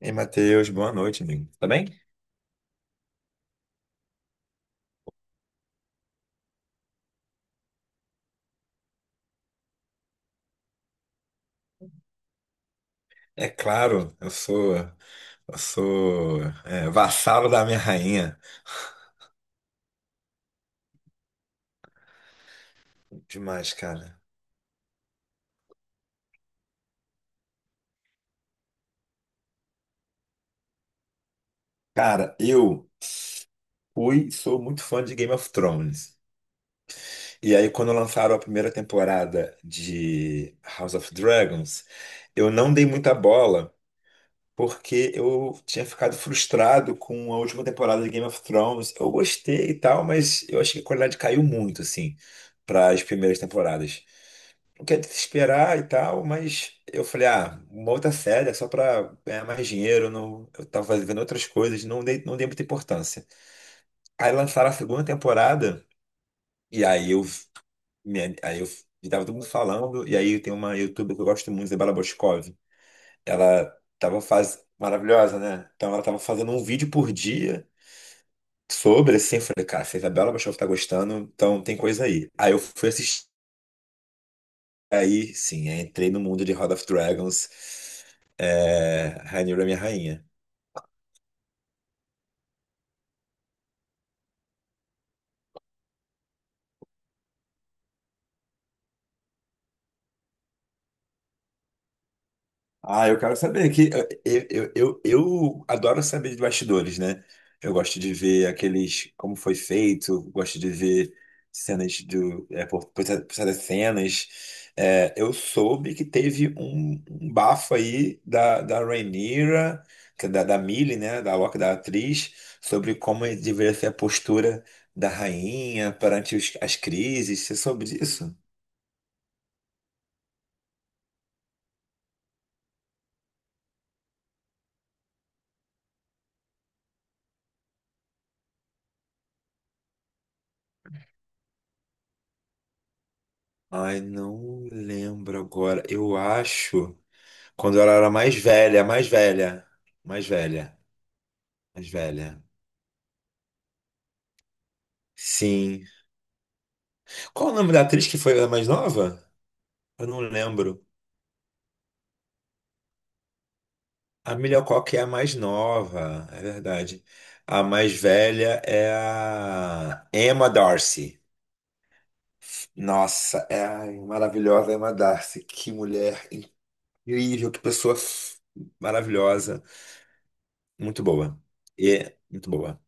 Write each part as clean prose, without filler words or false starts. Ei, Matheus, boa noite, amigo. Tá bem? É claro, eu sou é, vassalo da minha rainha. Demais, cara. Cara, eu sou muito fã de Game of Thrones. E aí, quando lançaram a primeira temporada de House of Dragons, eu não dei muita bola, porque eu tinha ficado frustrado com a última temporada de Game of Thrones. Eu gostei e tal, mas eu achei que a qualidade caiu muito, assim, para as primeiras temporadas. Não quer desesperar e tal, mas eu falei, ah, uma outra série é só pra ganhar mais dinheiro, eu não, eu tava fazendo outras coisas, não dei muita importância. Aí lançaram a segunda temporada, e aí eu, me- aí eu e tava todo mundo falando, e aí tem uma youtuber que eu gosto muito, Isabela Boscov. Maravilhosa, né? Então ela tava fazendo um vídeo por dia sobre, assim, eu falei, cara, se a Isabela Boscov tá gostando, então tem coisa aí. Aí eu fui assistir. Aí, sim, aí entrei no mundo de House of Dragons. É, Rhaenyra é minha rainha. Ah, eu quero saber que eu adoro saber de bastidores, né? Eu gosto de ver aqueles como foi feito, gosto de ver cenas do por das cenas. É, eu soube que teve um bafo aí da Rhaenyra, que é da Millie, né? Da Loki, da atriz, sobre como deveria ser a postura da rainha perante as crises. Você soube disso? Ai, não lembro agora. Eu acho. Quando ela era mais velha, mais velha, mais velha, mais velha. Sim. Qual o nome da atriz que foi a mais nova? Eu não lembro. A Emilia Clarke é a mais nova, é verdade. A mais velha é a Emma Darcy. Nossa, é a maravilhosa Emma Darcy. Que mulher incrível, que pessoa maravilhosa. Muito boa. E muito boa.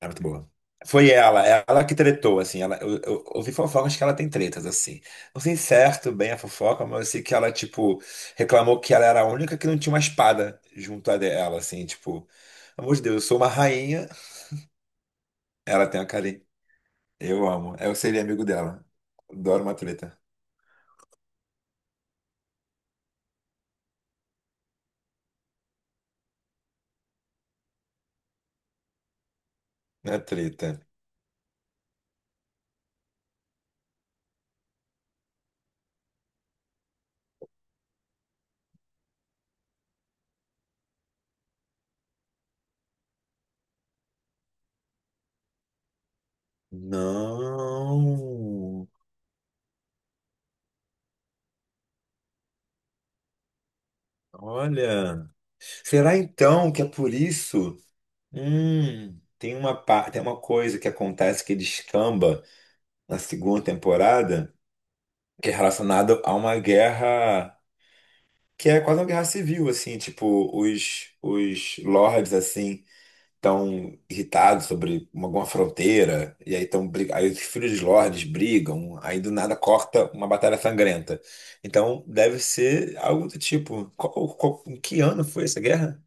É muito boa. Foi ela que tretou, assim. Eu ouvi fofocas que ela tem tretas, assim. Não sei certo bem a fofoca, mas eu sei que ela, tipo, reclamou que ela era a única que não tinha uma espada junto a dela, assim, tipo, amor de Deus, eu sou uma rainha. Ela tem a Kali. Eu amo. Eu seria amigo dela. Adoro uma treta. Uma treta. Não. Olha. Será então que é por isso? Tem uma coisa que acontece que descamba na segunda temporada, que é relacionado a uma guerra que é quase uma guerra civil, assim, tipo, os lords, assim, estão irritados sobre alguma fronteira, e aí, aí os filhos dos lords brigam, aí do nada corta uma batalha sangrenta. Então, deve ser algo do tipo, em que ano foi essa guerra?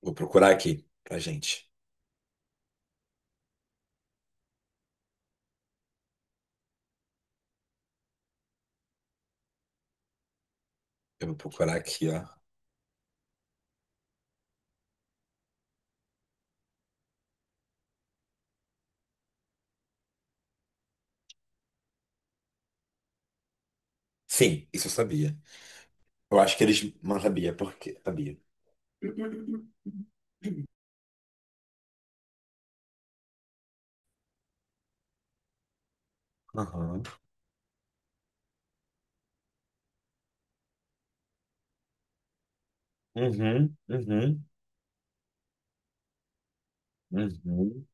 Vou procurar aqui pra gente. Eu vou procurar aqui, ó. Sim, isso eu sabia. Eu acho que eles não sabia, porque sabia. Aham. Uhum, uhum, uhum,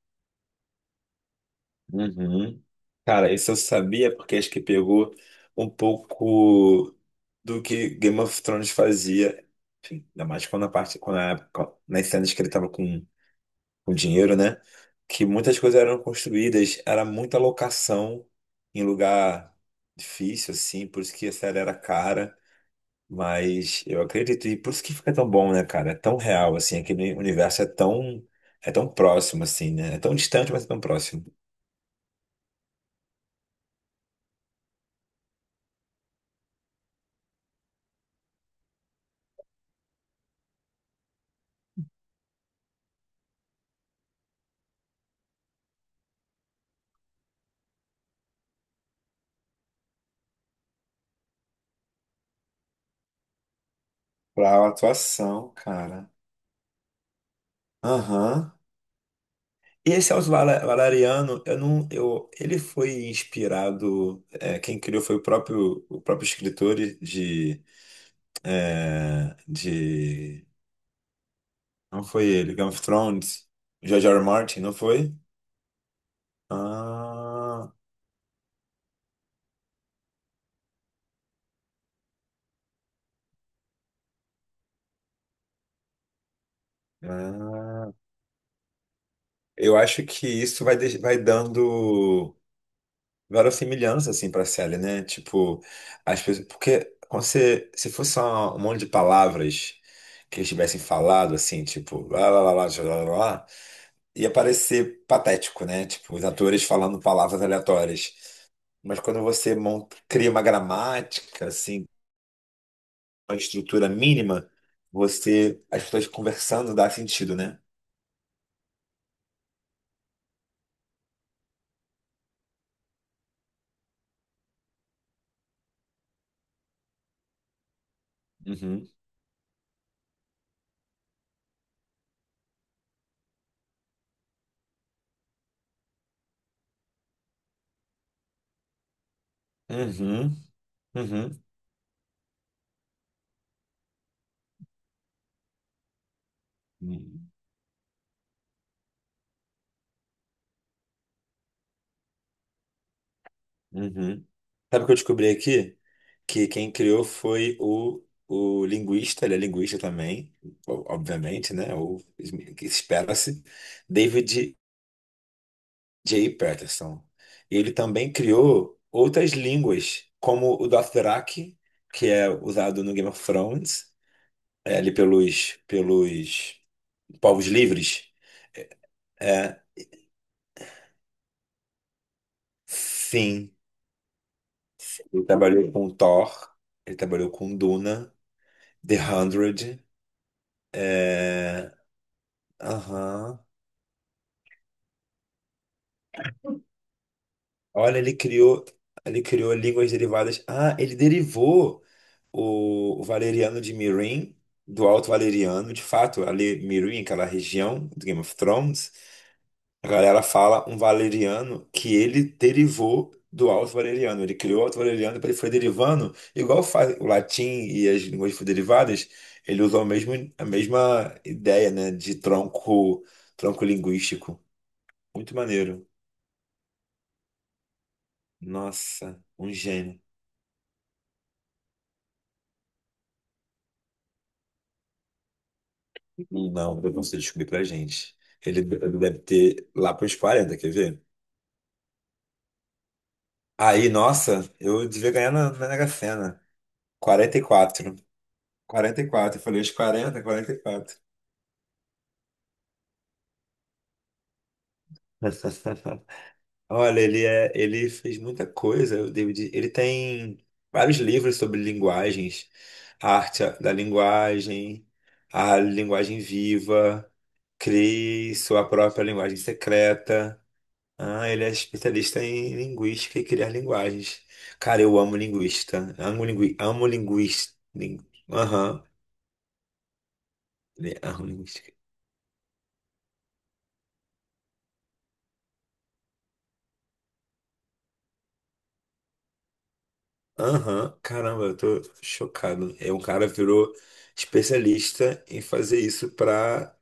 uhum. Cara, isso eu sabia porque acho que pegou um pouco do que Game of Thrones fazia. Enfim, ainda mais quando a parte, quando a, época- nas cenas que ele tava com dinheiro, né? Que muitas coisas eram construídas, era muita locação em lugar difícil, assim, por isso que a série era cara. Mas eu acredito, e por isso que fica tão bom, né, cara? É tão real, assim, aquele universo é tão próximo, assim, né? É tão distante, mas é tão próximo. Pra atuação, cara. Aham. E esse Elzo Valeriano, eu não, eu, ele foi inspirado, quem criou foi o próprio escritor de, não foi ele, Game of Thrones, George R. R. Martin, não foi? Ah, ah. Eu acho que isso vai dando verossimilhança, assim, pra série, né? Tipo, as pessoas. Porque se fosse só um monte de palavras que eles tivessem falado, assim, tipo, lá, lá, lá, lá, lá, lá, lá, lá, ia parecer patético, né? Tipo, os atores falando palavras aleatórias. Mas quando você monta, cria uma gramática, assim, uma estrutura mínima, você. As pessoas conversando dá sentido, né? Uhum. Uhum. Uhum. Uhum. Sabe o que eu descobri aqui? Que quem criou foi o linguista, ele é linguista também, obviamente, né? O que espera-se, David J. Patterson. Ele também criou outras línguas, como o Dothraki, que é usado no Game of Thrones, ali pelos, povos livres. É, sim, ele trabalhou com Thor, ele trabalhou com Duna, The Hundred. é, Aham. Olha, ele criou línguas derivadas. Ah, ele derivou o valeriano de Meereen do Alto Valeriano. De fato, ali Meereen, aquela região do Game of Thrones, a galera fala um valeriano que ele derivou do Alto Valeriano. Ele criou o Alto Valeriano, depois ele foi derivando, igual faz o latim e as línguas derivadas, ele usou o mesmo, a mesma ideia, né, de tronco linguístico. Muito maneiro. Nossa, um gênio. Não, eu não sei descobrir pra gente. Ele deve ter lá pros 40, quer ver? Aí, nossa, eu devia ganhar na Mega Sena. 44. 44. Eu falei os 40, 44. Olha, ele fez muita coisa, o David. Ele tem vários livros sobre linguagens, a arte da linguagem, a linguagem viva, crie sua própria linguagem secreta. Ah, ele é especialista em linguística e criar linguagens. Cara, eu amo linguista. Amo, amo linguista. Aham. Amo linguística. Aham. Caramba, eu tô chocado. É um cara virou especialista em fazer isso para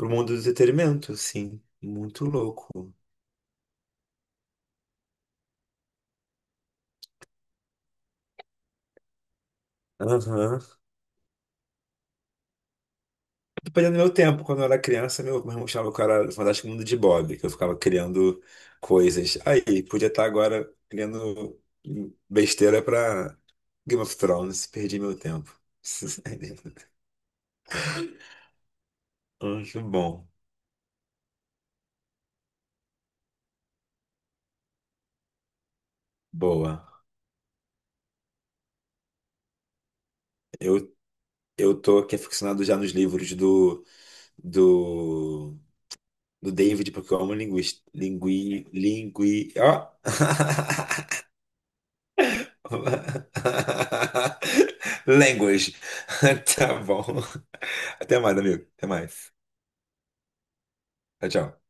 o mundo do entretenimento, assim. Muito louco. Aham. Dependendo do meu tempo, quando eu era criança, meu irmão chamava o cara Fantástico Mundo de Bob, que eu ficava criando coisas. Aí, podia estar agora criando besteira pra Game of Thrones, perdi meu tempo. Muito bom. Boa. Eu, eu tô aqui aficionado já nos livros do, do David, porque eu amo linguista. Lingui, lingui, ó. Language. Tá bom. Até mais, amigo. Até mais. Tchau, tchau.